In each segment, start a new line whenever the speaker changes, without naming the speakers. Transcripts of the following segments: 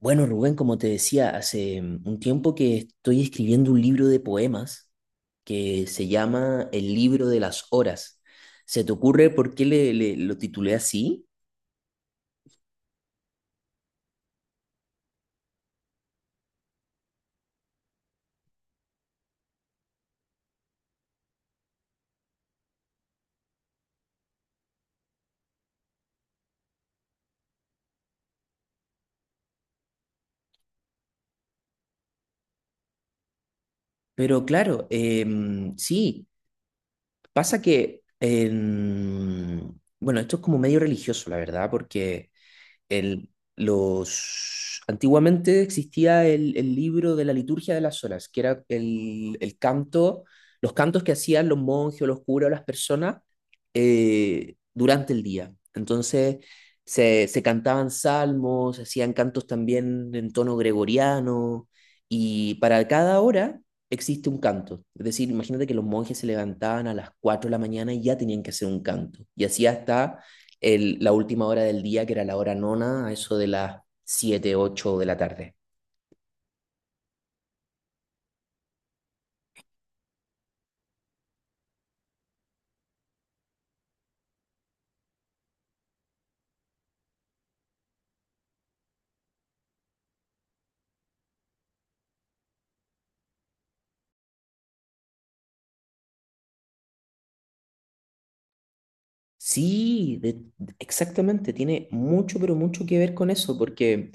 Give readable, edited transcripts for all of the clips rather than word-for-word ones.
Bueno, Rubén, como te decía, hace un tiempo que estoy escribiendo un libro de poemas que se llama El libro de las horas. ¿Se te ocurre por qué lo titulé así? Pero claro, sí, pasa que, bueno, esto es como medio religioso, la verdad, porque el- los, antiguamente existía el libro de la liturgia de las horas, que era el canto, los cantos que hacían los monjes, o los curas, o las personas durante el día. Entonces se cantaban salmos, se hacían cantos también en tono gregoriano, y para cada hora existe un canto. Es decir, imagínate que los monjes se levantaban a las 4 de la mañana y ya tenían que hacer un canto, y así hasta la última hora del día, que era la hora nona, a eso de las 7 8 de la tarde. Sí, exactamente, tiene mucho, pero mucho que ver con eso, porque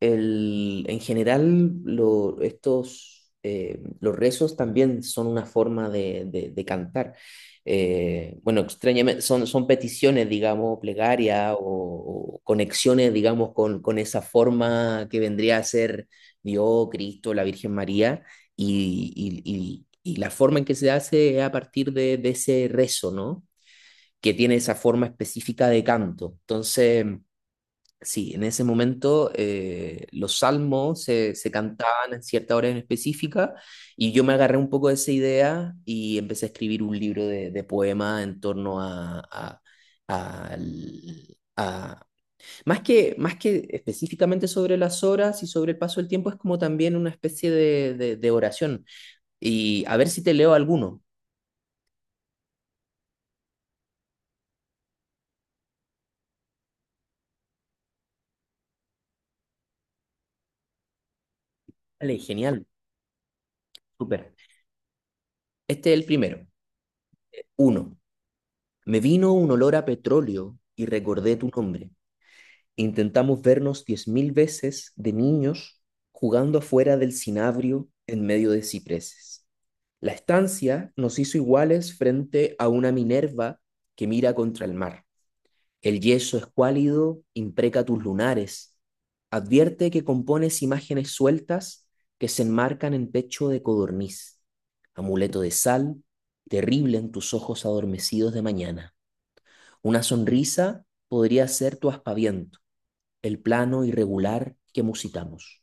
en general estos, los rezos también son una forma de, de cantar. Bueno, extrañamente, son, son peticiones, digamos, plegaria o conexiones, digamos, con esa forma que vendría a ser Dios, Cristo, la Virgen María, y, y la forma en que se hace es a partir de ese rezo, ¿no? Que tiene esa forma específica de canto. Entonces, sí, en ese momento los salmos se, se cantaban en cierta hora en específica y yo me agarré un poco de esa idea y empecé a escribir un libro de poemas en torno a, al- a- más que, más que específicamente sobre las horas y sobre el paso del tiempo, es como también una especie de, de oración. Y a ver si te leo alguno. Vale, genial, súper. Este es el primero. Uno. Me vino un olor a petróleo y recordé tu nombre. Intentamos vernos 10.000 veces de niños jugando afuera del cinabrio en medio de cipreses. La estancia nos hizo iguales frente a una Minerva que mira contra el mar. El yeso escuálido impreca tus lunares. Advierte que compones imágenes sueltas que se enmarcan en pecho de codorniz. Amuleto de sal, terrible en tus ojos adormecidos de mañana. Una sonrisa podría ser tu aspaviento, el plano irregular que musitamos.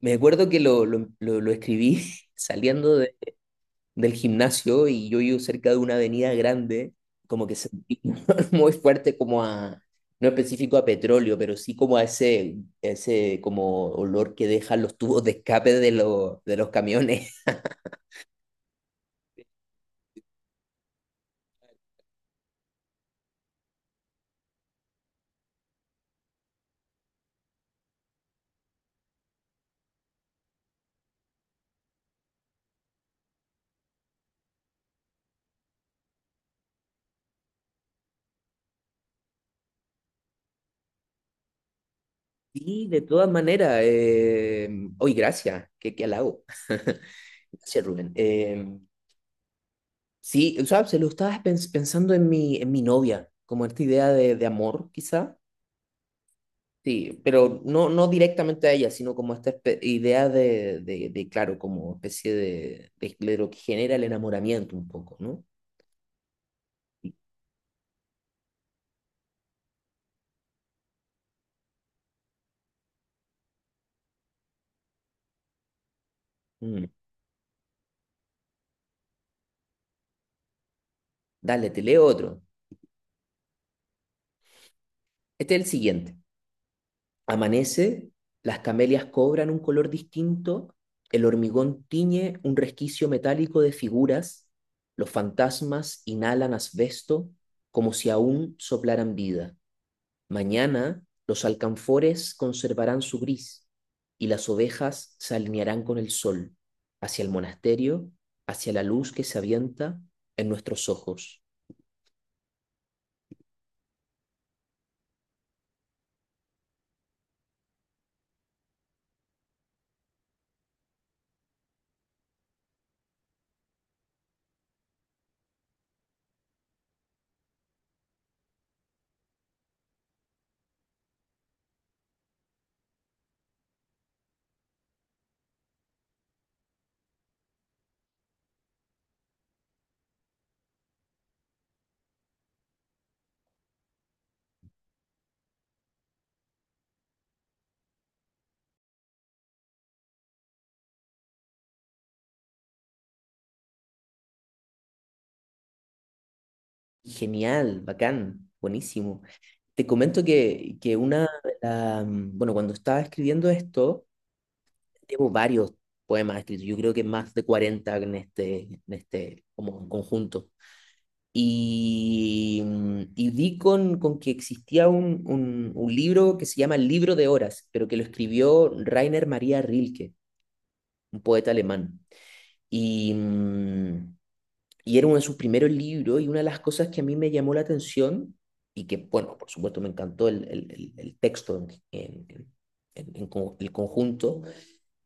Me acuerdo que lo escribí saliendo del gimnasio y yo vivo cerca de una avenida grande, como que sentí muy fuerte como a, no específico a petróleo, pero sí como a ese, ese como olor que dejan los tubos de escape de los camiones. Sí, de todas maneras, hoy gracias, qué, qué halago. Gracias, Rubén. Sí, o sea, se lo estaba pensando en mi novia, como esta idea de amor, quizá. Sí, pero no, no directamente a ella, sino como esta idea de, claro, como especie de lo que genera el enamoramiento un poco, ¿no? Mm. Dale, te leo otro. Este es el siguiente. Amanece, las camelias cobran un color distinto, el hormigón tiñe un resquicio metálico de figuras, los fantasmas inhalan asbesto como si aún soplaran vida. Mañana los alcanfores conservarán su gris y las ovejas se alinearán con el sol, hacia el monasterio, hacia la luz que se avienta en nuestros ojos. Genial, bacán, buenísimo. Te comento que una, bueno, cuando estaba escribiendo esto, llevo varios poemas escritos, yo creo que más de 40 en este como conjunto. Y, y di con que existía un, un libro que se llama El libro de horas, pero que lo escribió Rainer Maria Rilke, un poeta alemán. Y, y era uno de sus primeros libros y una de las cosas que a mí me llamó la atención y que, bueno, por supuesto me encantó el, el texto en, el conjunto,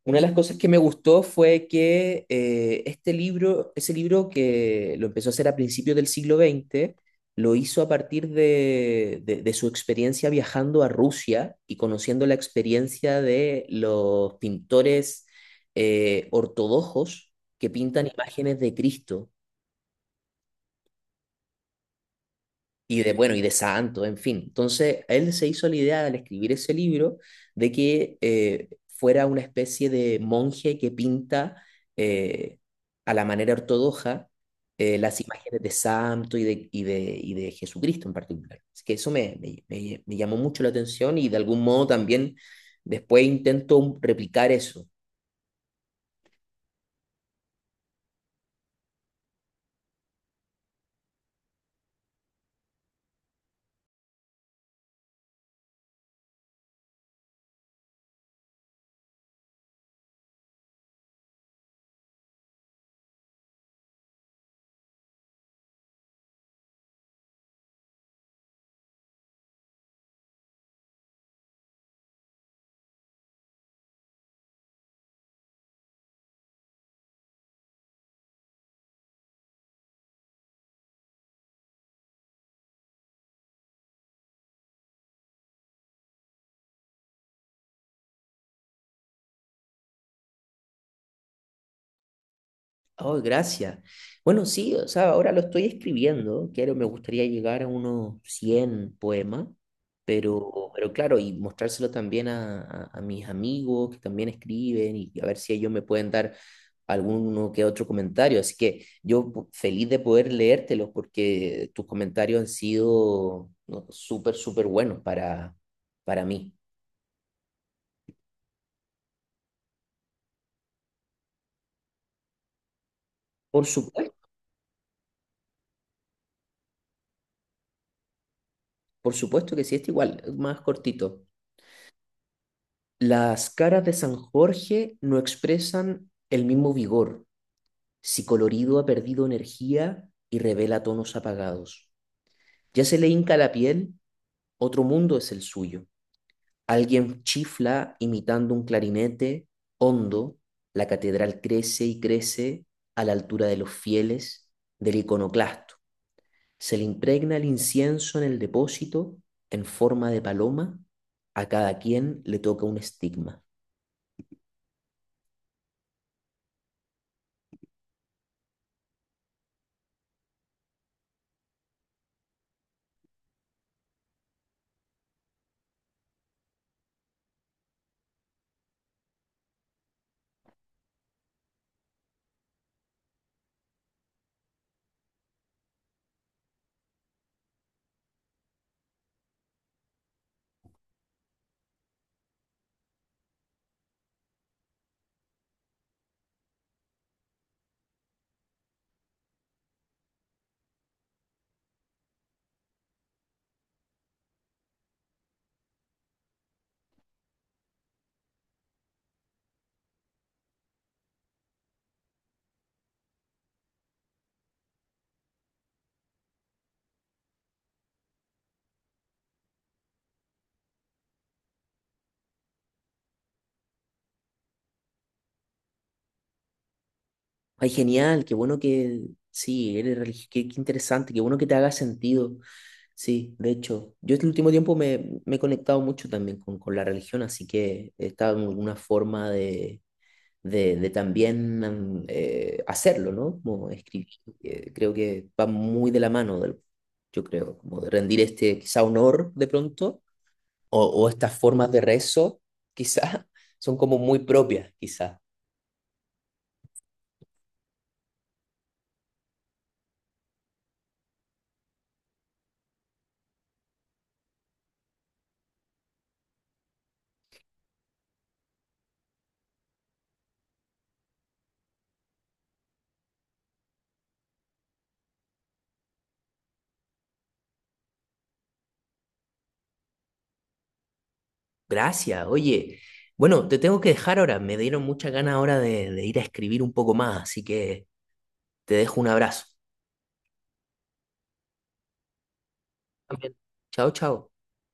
una de las cosas que me gustó fue que este libro, ese libro que lo empezó a hacer a principios del siglo XX, lo hizo a partir de, de su experiencia viajando a Rusia y conociendo la experiencia de los pintores ortodoxos que pintan imágenes de Cristo. Y de bueno, y de santo, en fin. Entonces, a él se hizo la idea al escribir ese libro de que fuera una especie de monje que pinta eh, a la manera ortodoxa las imágenes de santo y de, y de, y de Jesucristo en particular. Así que eso me llamó mucho la atención y de algún modo también después intento replicar eso. Oh, gracias. Bueno, sí, o sea, ahora lo estoy escribiendo. Quiero, me gustaría llegar a unos 100 poemas, pero claro, y mostrárselo también a, a mis amigos que también escriben y a ver si ellos me pueden dar alguno que otro comentario. Así que yo feliz de poder leértelos porque tus comentarios han sido no, súper, súper buenos para mí. Por supuesto, por supuesto que sí, es igual, más cortito. Las caras de San Jorge no expresan el mismo vigor, si colorido ha perdido energía y revela tonos apagados. Ya se le hinca la piel, otro mundo es el suyo. Alguien chifla imitando un clarinete, hondo, la catedral crece y crece a la altura de los fieles, del iconoclasto. Se le impregna el incienso en el depósito en forma de paloma, a cada quien le toca un estigma. Ay, genial, qué bueno que, sí, eres religioso, qué, qué interesante, qué bueno que te haga sentido. Sí, de hecho, yo este último tiempo me, me he conectado mucho también con la religión, así que he estado en alguna forma de también am, hacerlo, ¿no? Como escribir, creo que va muy de la mano, del, yo creo, como de rendir este quizá honor de pronto, o estas formas de rezo, quizá, son como muy propias, quizá. Gracias, oye. Bueno, te tengo que dejar ahora. Me dieron muchas ganas ahora de ir a escribir un poco más, así que te dejo un abrazo. También. Chao, chao.